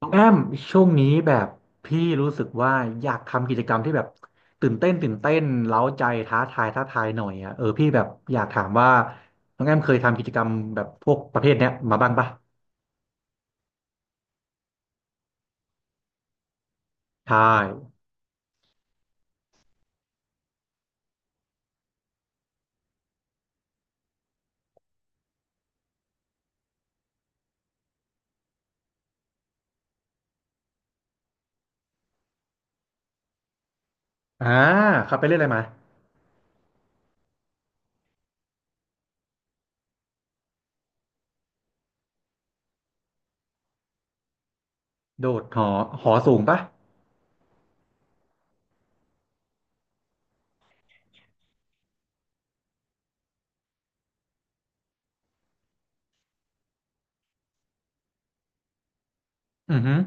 น้องแอมช่วงนี้แบบพี่รู้สึกว่าอยากทำกิจกรรมที่แบบตื่นเต้นเร้าใจท้าทายหน่อยอ่ะเออพี่แบบอยากถามว่าน้องแอมเคยทำกิจกรรมแบบพวกประเภทเนี้ยมาบ้างปะใช่อ่าครับไปเล่นอะไรมาโดดหอหอสูงปะอือหือ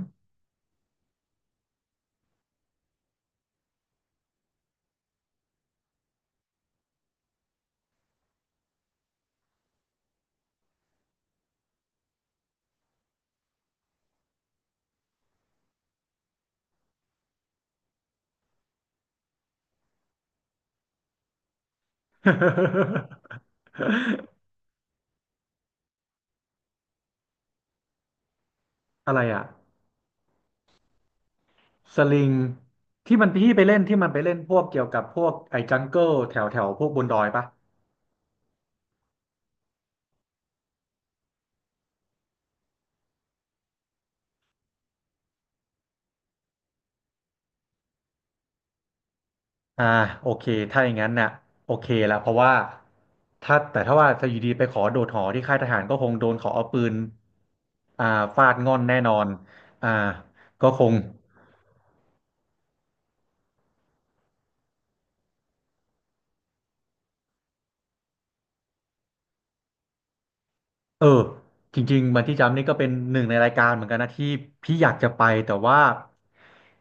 อะไรอ่ะสลิงที่มันพี่ไปเล่นที่มันไปเล่นพวกเกี่ยวกับพวกไอ้จังเกิลแถวแถวพวกบนดอยปะ อ่าโอเคถ้าอย่างนั้นน่ะโอเคละเพราะว่าถ้าแต่ถ้าว่าจะอยู่ดีไปขอโดดหอที่ค่ายทหารก็คงโดนขอเอาปืนอ่าฟาดง่อนแน่นอนอ่าก็คง เออจริงๆบันจี้จัมป์นี่ก็เป็นหนึ่งในรายการเหมือนกันนะที่พี่อยากจะไปแต่ว่า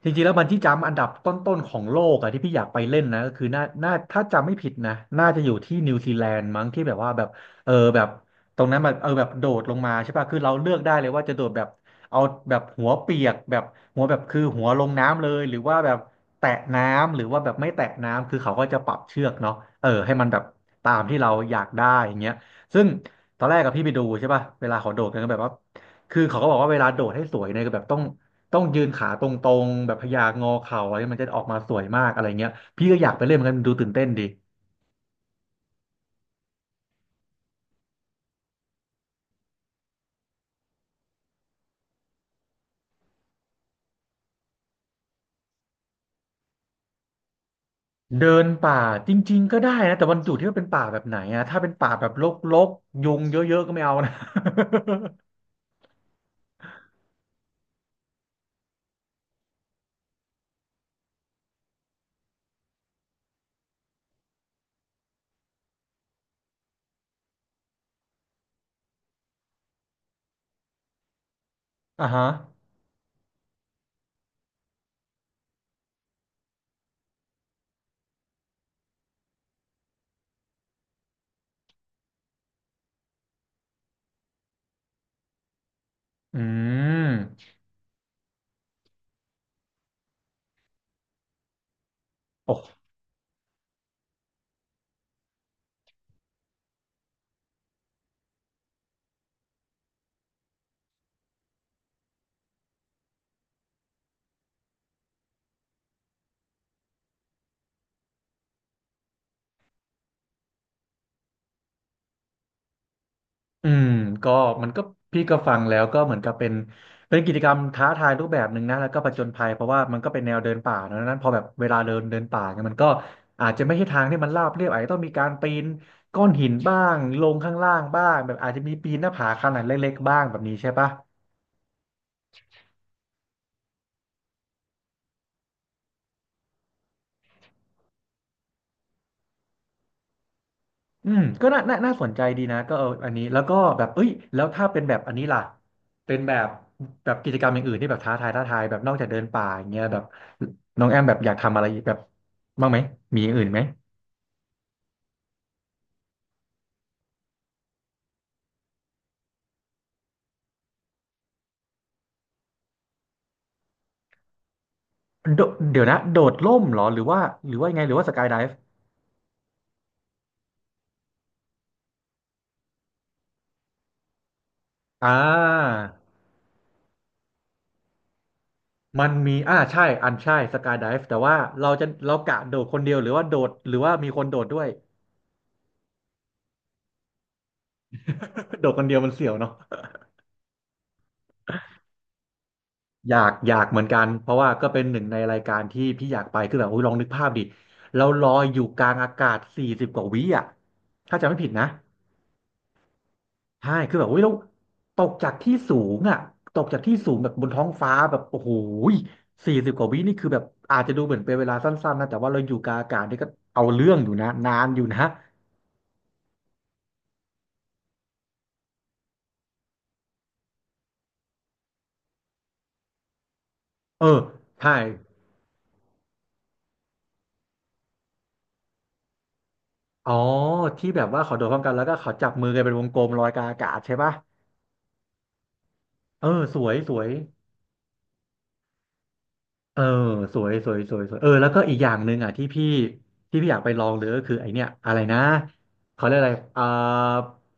จริงๆแล้วบันจี้จัมป์อันดับต้นๆของโลกอะที่พี่อยากไปเล่นนะก็คือน่าถ้าจำไม่ผิดนะน่าจะอยู่ที่นิวซีแลนด์มั้งที่แบบว่าแบบเออแบบตรงนั้นมันเออแบบโดดลงมาใช่ป่ะคือเราเลือกได้เลยว่าจะโดดแบบเอาแบบหัวเปียกแบบหัวแบบคือหัวลงน้ำเลยหรือว่าแบบแตะน้ำหรือว่าแบบไม่แตะน้ำคือเขาก็จะปรับเชือกเนาะเออให้มันแบบตามที่เราอยากได้อย่างเงี้ยซึ่ง ตอนแรกกับพี่ไปดูใช่ป่ะเวลาเขาโดดกันก็แบบว่าคือเขาก็บอกว่าเวลาโดดให้สวยเนี่ยก็แบบต้องยืนขาตรงๆแบบพยางอเข่าอะไรมันจะออกมาสวยมากอะไรเงี้ย พี่ก็อยากไปเล่นเหมือนกันดูตื่นเต้นดีเดินป่าจริงๆก็ได้นะแต่วันจุดที่ว่าเป็นป่าแบบไหนอะถ้าเป็นป่าแบบรกๆยุงเยอะๆก็ไม่เอานะ อ่าฮะอืมโอ้โห อืมก็มันก็พี่ก็ฟังแล้วก็เหมือนกับเป็นเป็นกิจกรรมท้าทายรูปแบบหนึ่งนะแล้วก็ผจญภัยเพราะว่ามันก็เป็นแนวเดินป่านะดังนั้นพอแบบเวลาเดินเดินป่าเนี่ยมันก็อาจจะไม่ใช่ทางที่มันราบเรียบอาจจะต้องมีการปีนก้อนหินบ้างลงข้างล่างบ้างแบบอาจจะมีปีนหน้าผาขนาดเล็กๆบ้างแบบนี้ใช่ปะ อืมก็น่าสนใจดีนะก็เอออันนี้แล้วก็แบบเอ้ยแล้วถ้าเป็นแบบอันนี้ล่ะเป็นแบบแบบกิจกรรมอย่างอื่นที่แบบท้าทายแบบนอกจากเดินป่าอย่างเงี้ยแบบน้องแอมแบบอยากทำอะไรแบบบ้างไหมมีอย่างอื่นไหมโดเดี๋ยวนะโดดร่มเหรอหรือว่าหรือว่ายังไงหรือว่าสกายไดฟ์อ่ามันมีอ่าใช่อันใช่สกายไดฟ์แต่ว่าเราจะเรากะโดดคนเดียวหรือว่าโดดหรือว่ามีคนโดดด้วย โดดคนเดียวมันเสี่ยวเนาะ อยากอยากเหมือนกันเพราะว่าก็เป็นหนึ่งในรายการที่พี่อยากไปคือแบบโอ้ยลองนึกภาพดิเราลอยอยู่กลางอากาศสี่สิบกว่าวิอ่ะถ้าจำไม่ผิดนะใช่คือแบบโอ้ยเราตกจากที่สูงอ่ะตกจากที่สูงแบบบนท้องฟ้าแบบโอ้โหสี่สิบกว่าวินี่คือแบบอาจจะดูเหมือนเป็นเวลาสั้นๆนะแต่ว่าเราอยู่กลางอากาศนี่ก็เอาเรื่องอยู่นะนานอยู่นะเออใช่อ๋อที่แบบว่าเขาโดดพร้อมกันแล้วก็เขาจับมือกันเป็นวงกลมลอยกลางอากาศใช่ปะเออสวยสวย เออสวยสวยสวยสวยเออแล้วก็อีกอย่างหนึ่งอ่ะที่พี่อยากไปลองเลยก็คือไอเนี้ยอะไรนะเขาเรียกอะไรอ่า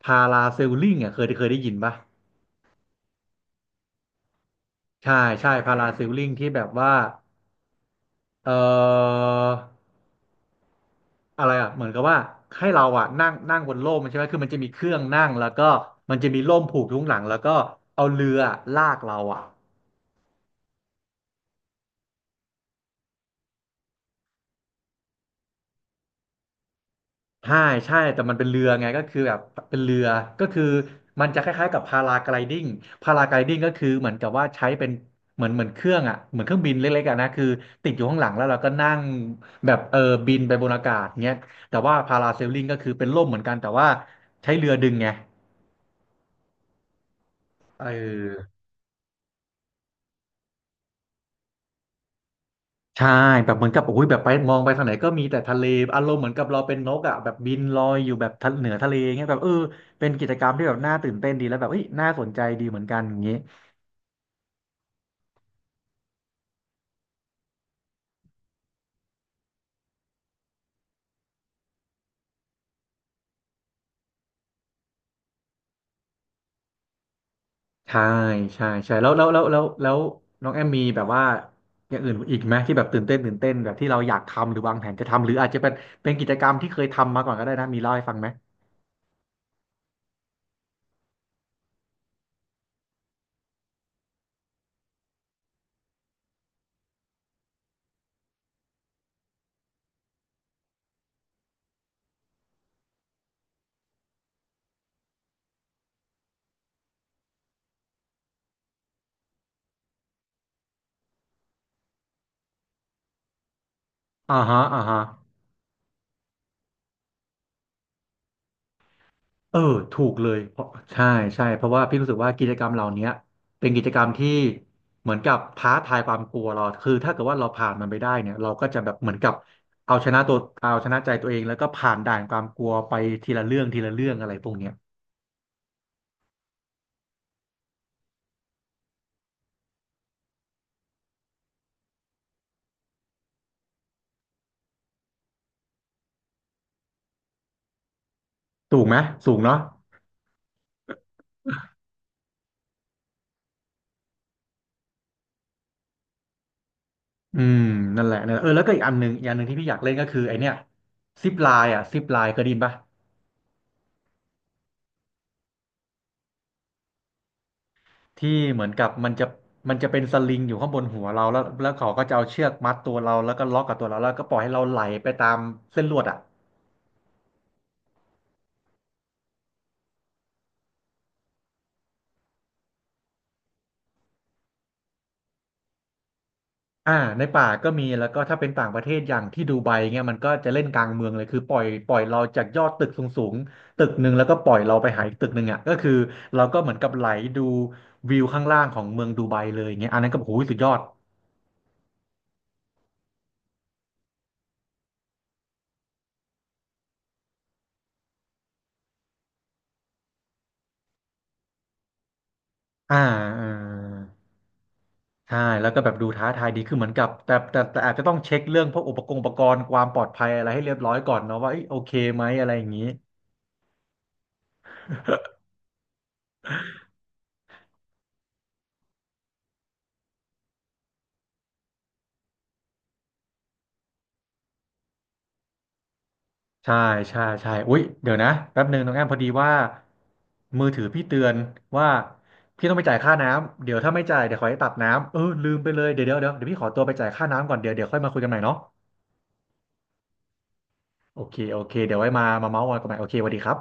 พาราเซลลิงอ่ะเคยได้ยินปะใช่ใช่พาราเซลลิงที่แบบว่าเอ่ออะไรอ่ะเหมือนกับว่าให้เราอ่ะนั่งนั่งบนร่มใช่ไหมคือมันจะมีเครื่องนั่งแล้วก็มันจะมีร่มผูกทุกหลังแล้วก็เอาเรือลากเราอ่ะ ใช่ใช่แต่มันเป็นเรือไงก็คือแบบเป็นเรือ ก็คือมันจะคล้ายๆกับพาราไกลดิ้งพาราไกลดิ้งก็คือเหมือนกับว่าใช้เป็นเหมือนเครื่องอ่ะเหมือนเครื่องบินเล็กๆอะนะคือติดอยู่ข้างหลังแล้วเราก็นั่งแบบบินไปบนอากาศเงี้ยแต่ว่าพาราเซลลิงก็คือเป็นร่มเหมือนกันแต่ว่าใช้เรือดึงไงเออใช่แบบเหมือนกับโอ้ยแบบไปมองไปทางไหนก็มีแต่ทะเลอารมณ์เหมือนกับเราเป็นนกอ่ะแบบบินลอยอยู่แบบทะเหนือทะเลเงี้ยแบบเป็นกิจกรรมที่แบบน่าตื่นเต้นดีแล้วแบบเอ้ยน่าสนใจดีเหมือนกันอย่างงี้ ใช่ใช่ใช่แล้วน้องแอมมีแบบว่าอย่างอื่นอีกไหมที่แบบตื่นเต้นแบบที่เราอยากทำหรือวางแผนจะทำหรืออาจจะเป็นเป็นกิจกรรมที่เคยทำมาก่อนก็ได้นะมีเล่าให้ฟังไหมอ่าฮะอ่าฮะเออถูกเลยเพราะใช่ใช่เพราะว่าพี่รู้สึกว่ากิจกรรมเหล่าเนี้ยเป็นกิจกรรมที่เหมือนกับท้าทายความกลัวเราคือถ้าเกิดว่าเราผ่านมันไปได้เนี่ยเราก็จะแบบเหมือนกับเอาชนะตัวเอาชนะใจตัวเองแล้วก็ผ่านด่านความกลัวไปทีละเรื่องทีละเรื่องอะไรพวกเนี้ยถูกไหมสูงเนาะ อืมนั่นแหละนั่นแหละเออแล้วก็อีกอันหนึ่งที่พี่อยากเล่นก็คือไอเนี้ยซิปไลน์อ่ะซิปไลน์เคยได้ยินปะที่เหมือนกับมันจะมันจะเป็นสลิงอยู่ข้างบนหัวเราแล้วเขาก็จะเอาเชือกมัดตัวเราแล้วก็ล็อกกับตัวเราแล้วก็ปล่อยให้เราไหลไปตามเส้นลวดอ่ะอ่าในป่าก็มีแล้วก็ถ้าเป็นต่างประเทศอย่างที่ดูไบเงี้ยมันก็จะเล่นกลางเมืองเลยคือปล่อยเราจากยอดตึกสูงสูงตึกหนึ่งแล้วก็ปล่อยเราไปหาอีกตึกหนึ่งอ่ะก็คือเราก็เหมือนกับไหลดูวิวข้างล่างของเมืองดูไบเลยเงี้ยอันนั้นก็โอ้โหสุดยอดอ่าอ่า ใช่แล้วก็แบบดูท้าทายดีคือเหมือนกับแต่อาจจะต้องเช็คเรื่องพวกอุปกรณ์ความปลอดภัยอะไรให้เรียบร้อยก่อนเนาะว่าเอ้ยโอเคไหมอะไรอย่างนี้ ใช่ใช่ใช่อุ๊ยเดี๋ยวนะแป๊บหนึ่งน้องแอมพอดีว่ามือถือพี่เตือนว่าพี่ต้องไปจ่ายค่าน้ำเดี๋ยวถ้าไม่จ่ายเดี๋ยวขอให้ตัดน้ำลืมไปเลยเดี๋ยวพี่ขอตัวไปจ่ายค่าน้ำก่อนเดี๋ยวค่อยมาคุยกันใหม่เนาะโอเคโอเคเดี๋ยวไว้มามาเมาส์กันใหม่โอเคสวัสดีครับ